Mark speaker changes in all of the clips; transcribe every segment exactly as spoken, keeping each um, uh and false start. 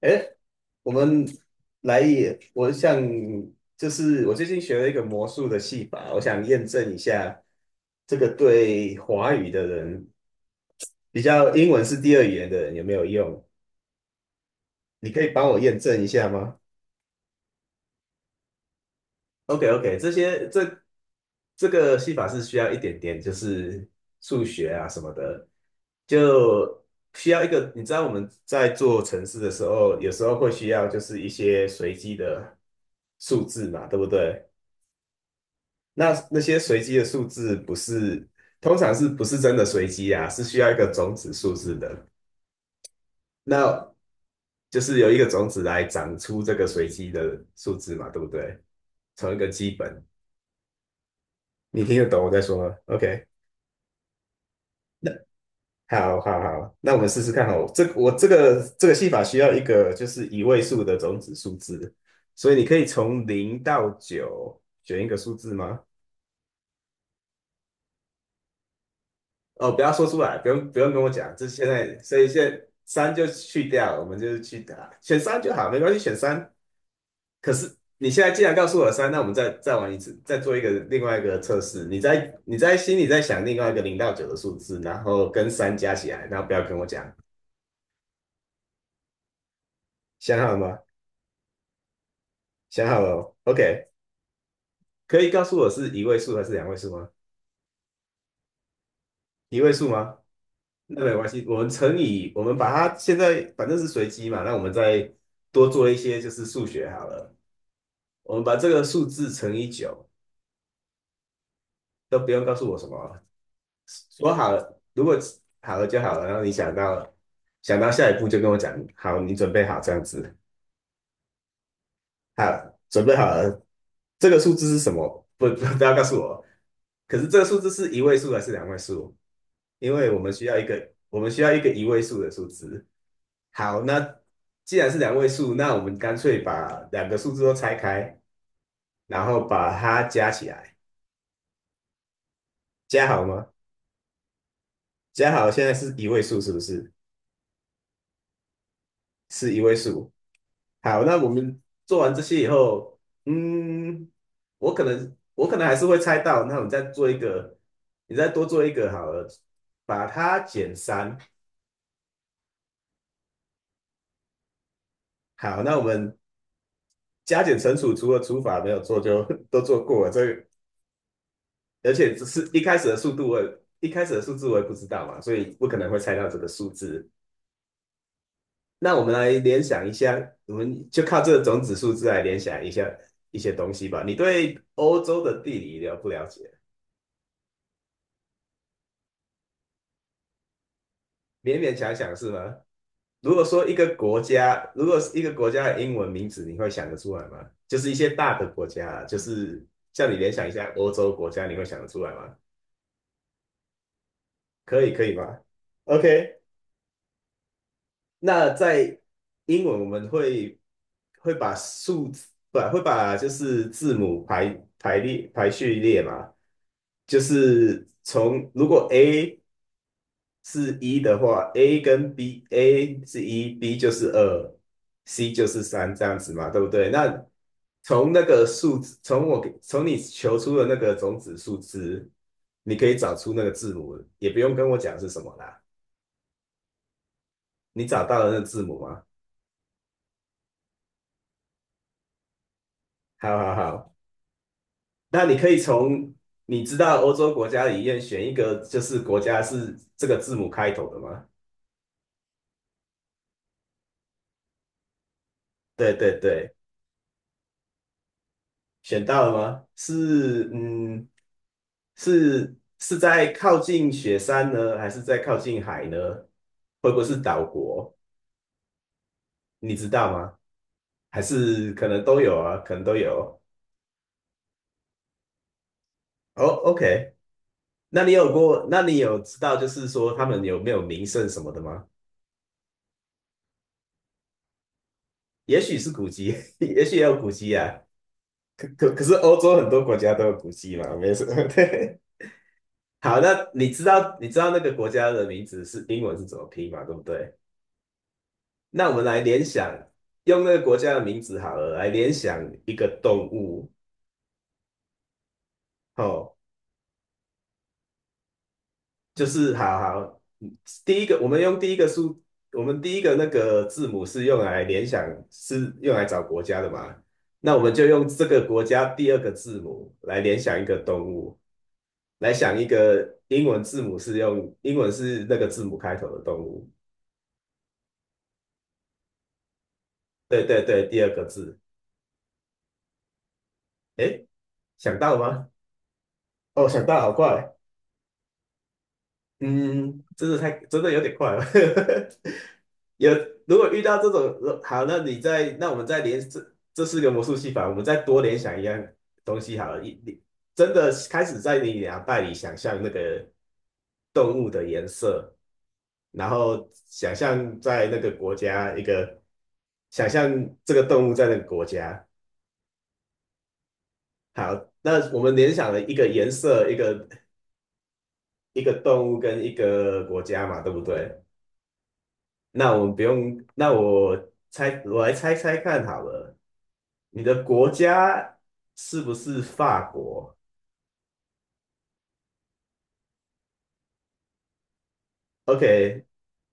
Speaker 1: 哎，我们来也，我想就是我最近学了一个魔术的戏法，我想验证一下这个对华语的人，比较英文是第二语言的人有没有用？你可以帮我验证一下吗？OK OK，这些这这个戏法是需要一点点就是数学啊什么的，就需要一个，你知道我们在做城市的时候，有时候会需要就是一些随机的数字嘛，对不对？那那些随机的数字不是，通常是不是真的随机啊？是需要一个种子数字的。那就是由一个种子来长出这个随机的数字嘛，对不对？从一个基本，你听得懂我在说吗？OK，那好好好，那我们试试看哦。这我这个这个戏法需要一个就是一位数的种子数字，所以你可以从零到九选一个数字吗？哦，不要说出来，不用不用跟我讲，这现在所以现在三就去掉，我们就是去打选三就好，没关系，选三。可是你现在既然告诉我三，那我们再再玩一次，再做一个另外一个测试。你在你在心里在想另外一个零到九的数字，然后跟三加起来，然后不要跟我讲，想好了吗？想好了 o k 可以告诉我是一位数还是两位数吗？一位数吗？那没关系，我们乘以，我们把它现在反正是随机嘛，那我们再多做一些就是数学好了。我们把这个数字乘以九，都不用告诉我什么啊说好了，如果好了就好了。然后你想到了，想到下一步就跟我讲，好，你准备好这样子，好，准备好了，这个数字是什么？不，不不要告诉我。可是这个数字是一位数还是两位数？因为我们需要一个，我们需要一个一位数的数字。好，那既然是两位数，那我们干脆把两个数字都拆开，然后把它加起来，加好吗？加好，现在是一位数，是不是？是一位数。好，那我们做完这些以后，嗯，我可能我可能还是会猜到，那我们再做一个，你再多做一个好了，把它减三。好，那我们加减乘除，除了除法没有做就 都做过了，这个而且只是一开始的速度我也，一开始的数字我也不知道嘛，所以不可能会猜到这个数字。那我们来联想一下，我们就靠这个种子数字来联想一下一些东西吧。你对欧洲的地理了不了解？勉勉强强是吗？如果说一个国家，如果是一个国家的英文名字，你会想得出来吗？就是一些大的国家啊就是叫你联想一下欧洲国家，你会想得出来吗？可以，可以吗？OK，那在英文我们会会把数字，不，会把就是字母排排列排序列嘛，就是从如果 A 是一的话，A 跟 B，A 是一，B 就是二，C 就是三这样子嘛，对不对？那从那个数字，从我给从你求出的那个种子数字，你可以找出那个字母，也不用跟我讲是什么啦，你找到了那个字母吗？好好好。那你可以从你知道欧洲国家里面选一个，就是国家是这个字母开头的吗？对对对，选到了吗？是嗯，是是在靠近雪山呢，还是在靠近海呢？会不会是岛国？你知道吗？还是可能都有啊，可能都有。哦，OK，那你有过？那你有知道就是说他们有没有名胜什么的吗？也许是古迹，也许也有古迹啊。可可是欧洲很多国家都有古迹嘛，没什么。对，好，那你知道你知道那个国家的名字是英文是怎么拼嘛？对不对？那我们来联想，用那个国家的名字好了，来联想一个动物。哦，就是好好，嗯第一个我们用第一个数，我们第一个那个字母是用来联想，是用来找国家的嘛？那我们就用这个国家第二个字母来联想一个动物，来想一个英文字母是用英文是那个字母开头的动物。对对对，第二个字。诶，想到了吗？哦，想到，好快。嗯，真的太真的有点快了。有如果遇到这种，好，那你再那我们再联这这四个魔术戏法，我们再多联想一样东西好了。一你真的开始在你脑袋里想象那个动物的颜色，然后想象在那个国家一个，想象这个动物在那个国家。好，那我们联想了一个颜色、一个一个动物跟一个国家嘛，对不对？那我们不用，那我猜，我来猜猜看好了，你的国家是不是法国？OK，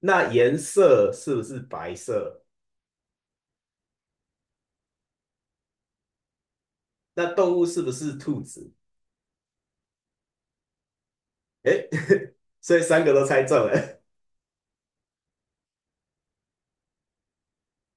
Speaker 1: 那颜色是不是白色？那动物是不是兔子？诶，所以三个都猜中了。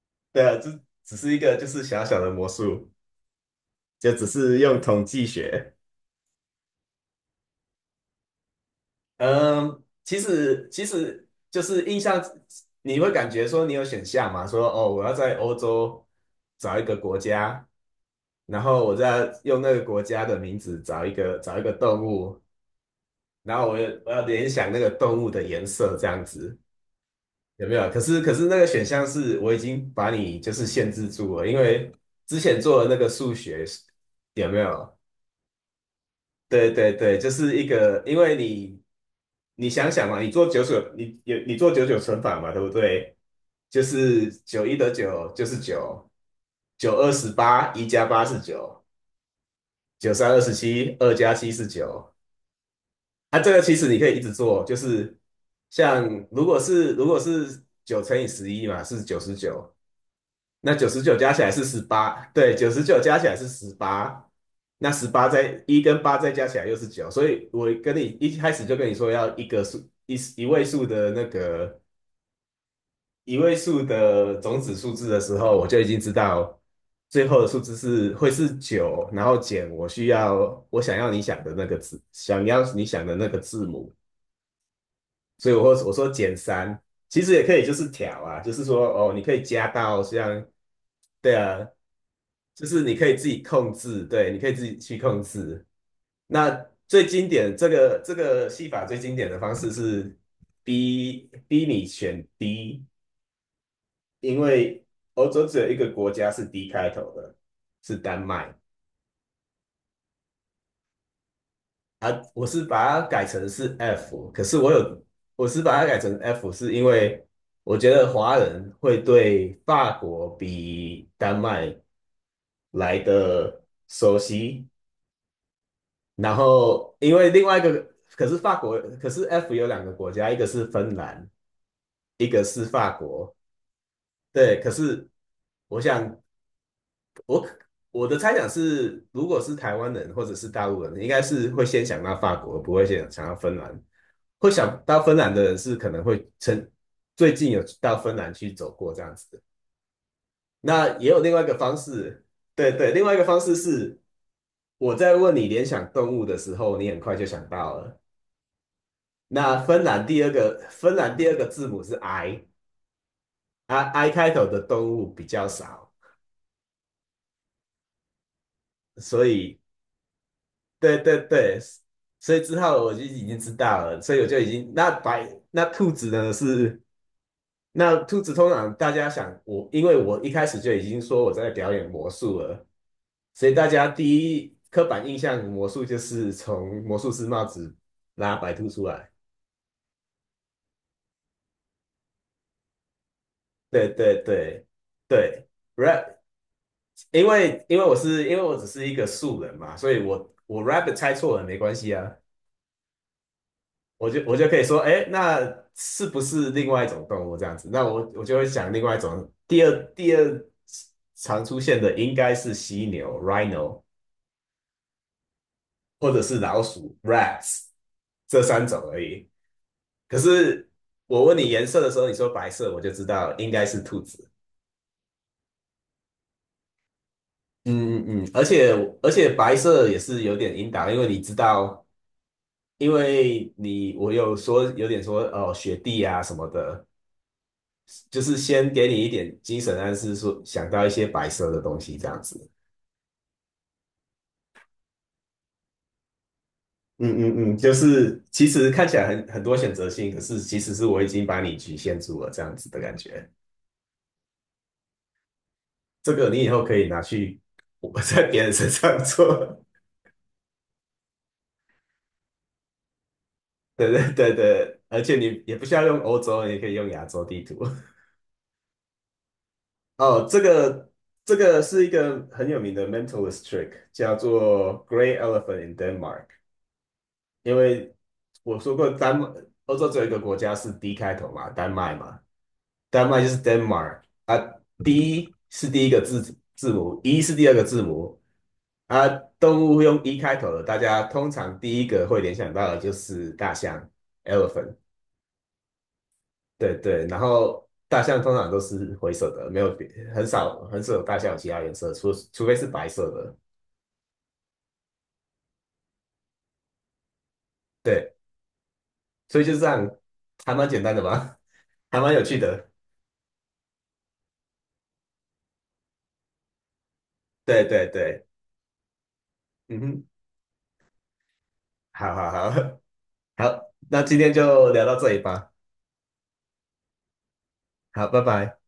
Speaker 1: 对啊，这只是一个就是小小的魔术，就只是用统计学。嗯，其实其实就是印象，你会感觉说你有选项嘛？说哦，我要在欧洲找一个国家，然后我再用那个国家的名字找一个找一个动物，然后我要我要联想那个动物的颜色这样子，有没有？可是可是那个选项是我已经把你就是限制住了，因为之前做的那个数学有没有？对对对，就是一个，因为你你想想嘛，你做九九，你有你做九九乘法嘛，对不对？就是九一得九就是九，九二十八，一加八是九，九三二十七，二加七是九。啊，这个其实你可以一直做，就是像如果是如果是九乘以十一嘛，是九十九，那九十九加起来是十八，对，九十九加起来是十八，那十八再一跟八再加起来又是九，所以我跟你一开始就跟你说要一个数一一位数的那个一位数的种子数字的时候，我就已经知道最后的数字是会是九，然后减我需要我想要你想的那个字，想要你想的那个字母，所以我我说减三，其实也可以就是调啊，就是说哦，你可以加到像，对啊，就是你可以自己控制，对，你可以自己去控制。那最经典这个这个戏法最经典的方式是逼逼你选 D，因为欧洲只有一个国家是 D 开头的，是丹麦。啊，我是把它改成是 F，可是我有，我是把它改成 F，是因为我觉得华人会对法国比丹麦来的熟悉，然后因为另外一个，可是法国，可是 F 有两个国家，一个是芬兰，一个是法国，对，可是我想我我的猜想是，如果是台湾人或者是大陆人，应该是会先想到法国，不会先想到芬兰。会想到芬兰的人是可能会曾最近有到芬兰去走过这样子的。那也有另外一个方式，对对，另外一个方式是我在问你联想动物的时候，你很快就想到了。那芬兰第二个芬兰第二个字母是 I，啊 I 开头的动物比较少，所以对对对，所以之后我就已经知道了，所以我就已经那白那兔子呢是那兔子通常大家想我，因为我一开始就已经说我在表演魔术了，所以大家第一刻板印象魔术就是从魔术师帽子拉白兔出来。对对对对，rap，因为因为我是因为我只是一个素人嘛，所以我我 rabbit 猜错了没关系啊，我就我就可以说，哎，那是不是另外一种动物这样子？那我我就会想另外一种，第二第二常出现的应该是犀牛 rhino。或者是老鼠（ （rats） 这三种而已。可是我问你颜色的时候，你说白色，我就知道应该是兔子。嗯嗯嗯，而且而且白色也是有点引导，因为你知道，因为你我有说有点说哦雪地啊什么的，就是先给你一点精神暗示，说想到一些白色的东西这样子。嗯嗯嗯，就是其实看起来很很多选择性，可是其实是我已经把你局限住了这样子的感觉。这个你以后可以拿去我在别人身上做，对对对对，而且你也不需要用欧洲，你也可以用亚洲地图。哦，这个这个是一个很有名的 mentalist trick，叫做 Grey Elephant in Denmark。因为我说过丹麦，欧洲只有一个国家是 D 开头嘛，丹麦嘛，丹麦就是 Denmark 啊，D 是第一个字字母，E 是第二个字母啊，动物用一开头的，大家通常第一个会联想到的就是大象（ （elephant）。对对，然后大象通常都是灰色的，没有别很少很少有大象有其他颜色，除除非是白色的。对，所以就这样，还蛮简单的吧，还蛮有趣的。对对对，嗯哼，好好好 好，那今天就聊到这里吧。好，拜拜。